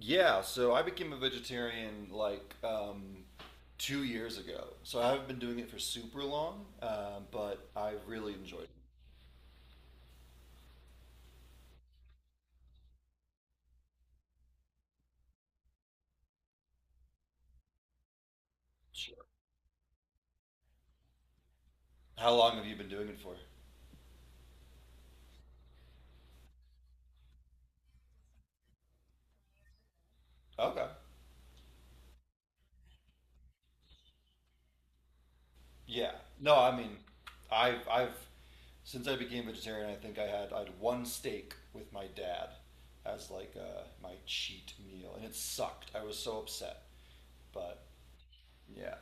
Yeah, so I became a vegetarian like 2 years ago. So I haven't been doing it for super long, but I really enjoyed it. How long have you been doing it for? Okay. Yeah. No, I mean, I've since I became vegetarian, I think I had one steak with my dad as like my cheat meal, and it sucked. I was so upset, but yeah.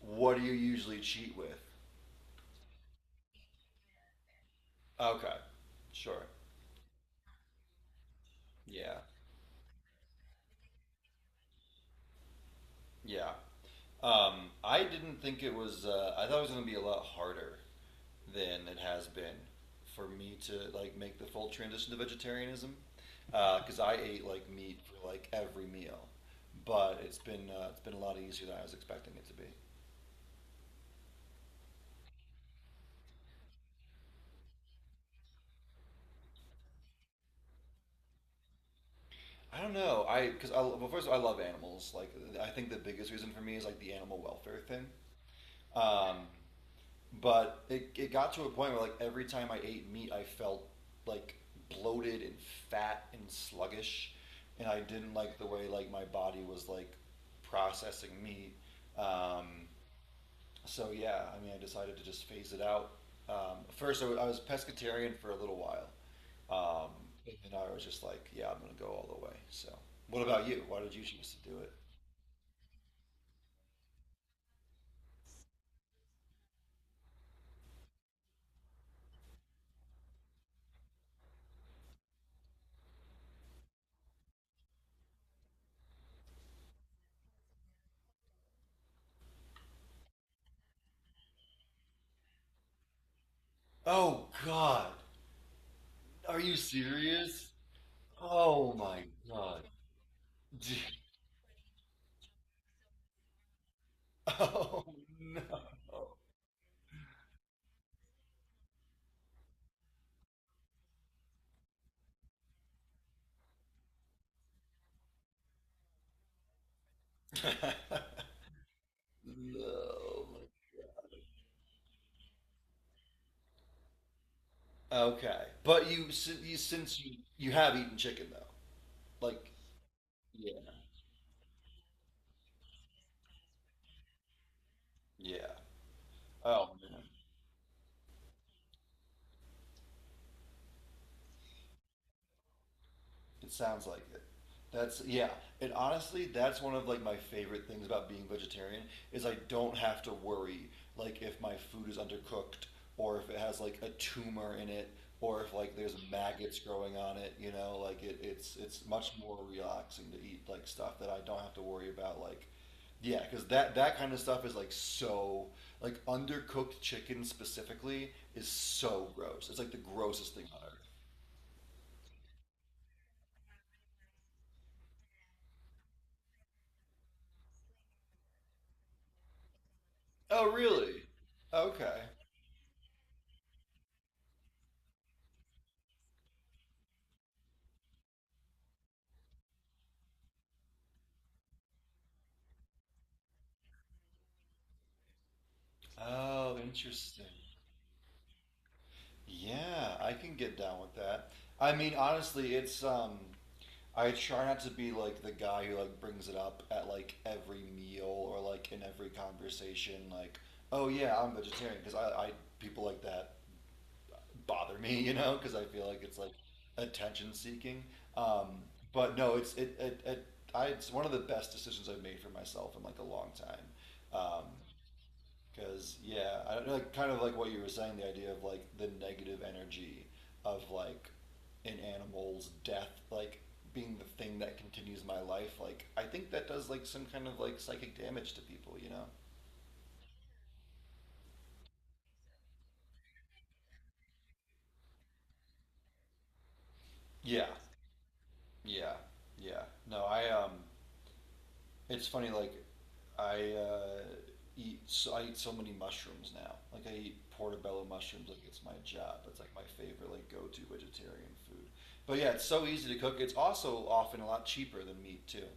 What do you usually cheat with? Okay. Sure. Yeah. Yeah. I didn't think it was. I thought it was going to be a lot harder than it has been for me to like make the full transition to vegetarianism because I ate like meat for like every meal, but it's been a lot easier than I was expecting it to be. I don't know. I because well, first of all, I love animals. Like I think the biggest reason for me is like the animal welfare thing. Um, But it got to a point where like every time I ate meat, I felt like bloated and fat and sluggish, and I didn't like the way like my body was like processing meat. Um, so yeah, I mean, I decided to just phase it out. First, I was pescatarian for a little while, um, and I was just like, yeah, I'm gonna go all the way. So, what about you? Why did you choose to do it? Oh God, are you serious? Oh my God. Oh no. No. Okay, but you since you have eaten chicken though, like yeah. Yeah. Oh man. It sounds like it. That's yeah. And honestly, that's one of like my favorite things about being vegetarian is I don't have to worry like if my food is undercooked or if it has like a tumor in it or if like there's maggots growing on it, you know, like it's much more relaxing to eat like stuff that I don't have to worry about like yeah, because that kind of stuff is like so like undercooked chicken specifically is so gross. It's like the grossest thing on earth. Oh, really? Okay. Oh, interesting. Yeah, I can get down with that. I mean, honestly, it's I try not to be like the guy who like brings it up at like every meal or like in every conversation like, "Oh yeah, I'm vegetarian" because I people like that bother me, you know, because I feel like it's like attention seeking. Um but no, it I it's one of the best decisions I've made for myself in like a long time. Um, Because yeah, I don't know, like kind of like what you were saying, the idea of like the negative energy of like an animal's death, like being the thing that continues my life. Like I think that does like some kind of like psychic damage to people, you know? Yeah, yeah, yeah. No, I it's funny like I eat so I eat so many mushrooms now. Like I eat portobello mushrooms like it's my job. It's like my favorite like go to vegetarian food. But yeah, it's so easy to cook. It's also often a lot cheaper than meat too.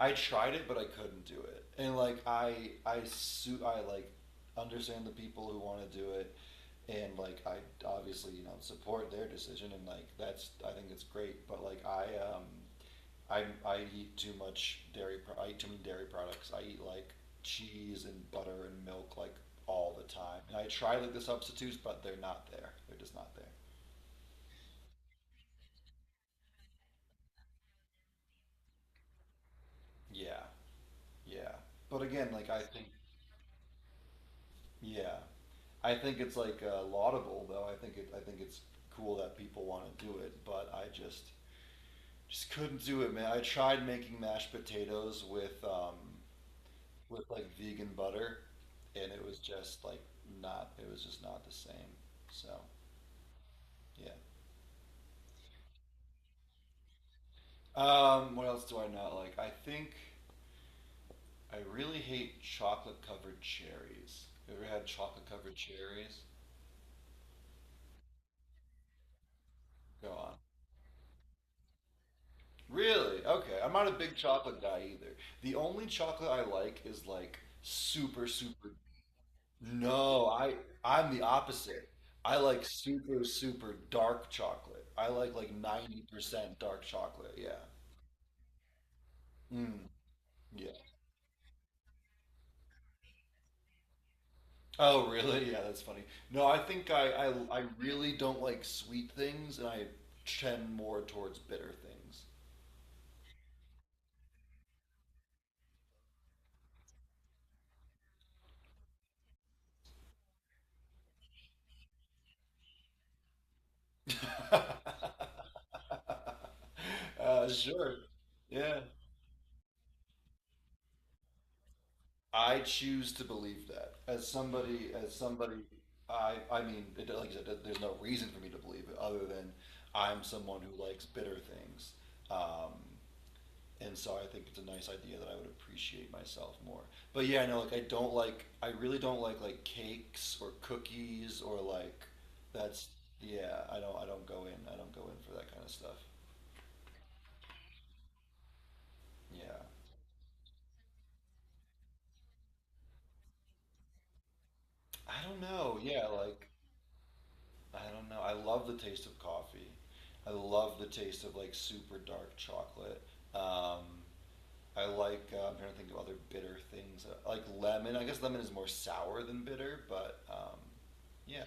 I tried it, but I couldn't do it. And like I like understand the people who want to do it and like I obviously you know support their decision and like that's I think it's great. But like I um I eat too much dairy. I eat too many dairy products. I eat like cheese and butter and milk like all the time. And I try like the substitutes, but they're not there. They're just not there. Yeah, yeah. But again, like I think, yeah, I think it's like laudable though. I think it. I think it's cool that people want to do it, but I just couldn't do it, man. I tried making mashed potatoes with like vegan butter, and it was just like not. It was just not the same. So yeah. What else do I not like? I think I really hate chocolate covered cherries. You ever had chocolate covered cherries? Go on. Really? Okay. I'm not a big chocolate guy either. The only chocolate I like is like super, super. No, I'm the opposite. I like super, super dark chocolate. I like 90% dark chocolate. Yeah. Mm, yeah. Oh, really? Yeah, that's funny. No, I think I really don't like sweet things, and I tend more towards bitter things. Sure. Yeah. I choose to believe that. I mean, it, like I said, there's no reason for me to believe it other than I'm someone who likes bitter things. Um, And so I think it's a nice idea that I would appreciate myself more. But yeah, I know like I don't like I really don't like cakes or cookies or like that's yeah, I don't go in. I don't go in for that kind of stuff. Yeah. I don't know. Yeah, like I don't know. I love the taste of coffee. I love the taste of like super dark chocolate. Um, I like I'm trying to think of other bitter things. Like lemon. I guess lemon is more sour than bitter, but yeah,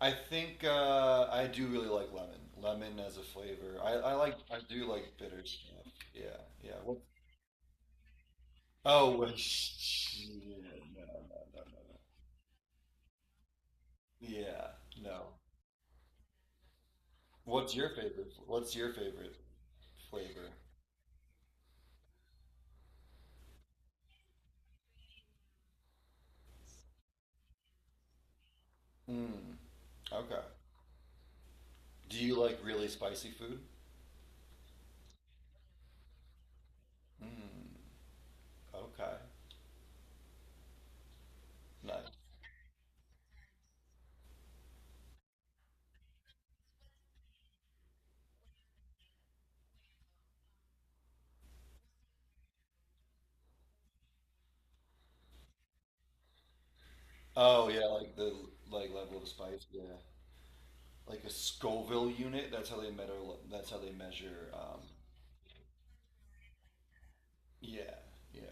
I think I do really like lemon. Lemon as a flavor. I like I do like bitter stuff. Yeah, yeah. What? Oh, wait, yeah, no. Yeah, no. What's your favorite? What's your favorite flavor? Mm, okay. Do you like really spicy food? Mm, okay. Nice. Oh yeah, like the like level of spice. Yeah, like a Scoville unit. That's how they measure. Yeah, yeah,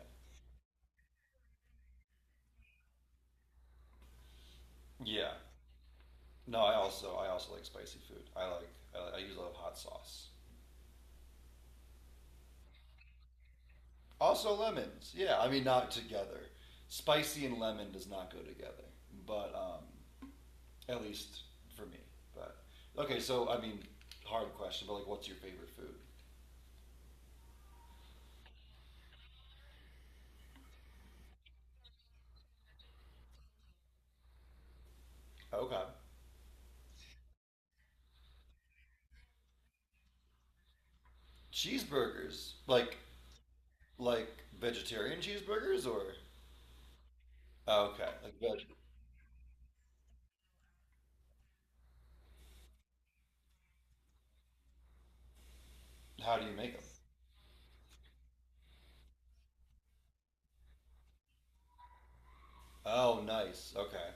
yeah. No, I also like spicy food. I like I usually love hot sauce. Also lemons. Yeah, I mean not together. Spicy and lemon does not go together, but at least for me. But okay, so I mean, hard question, but like, what's your favorite food? Okay, cheeseburgers, like vegetarian cheeseburgers or okay, like veg. How do you make them? Oh, nice. Okay.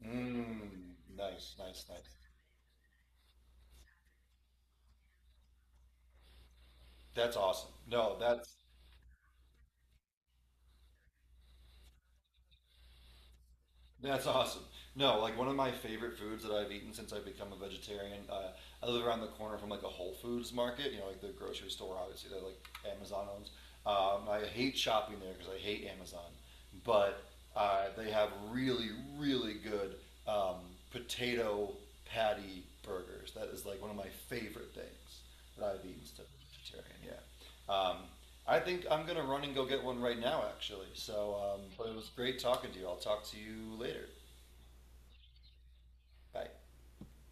Mmm. Nice, nice, nice. That's awesome. No, that's awesome. No, like one of my favorite foods that I've eaten since I've become a vegetarian. I live around the corner from like a Whole Foods market, you know, like the grocery store, obviously, that like Amazon owns. I hate shopping there because I hate Amazon, but they have really, really good um, potato patty burgers. That is like one of my favorite things that I've eaten since I've been vegetarian. Yeah. I think I'm gonna run and go get one right now, actually. So, but it was great talking to you. I'll talk to you later. Bye.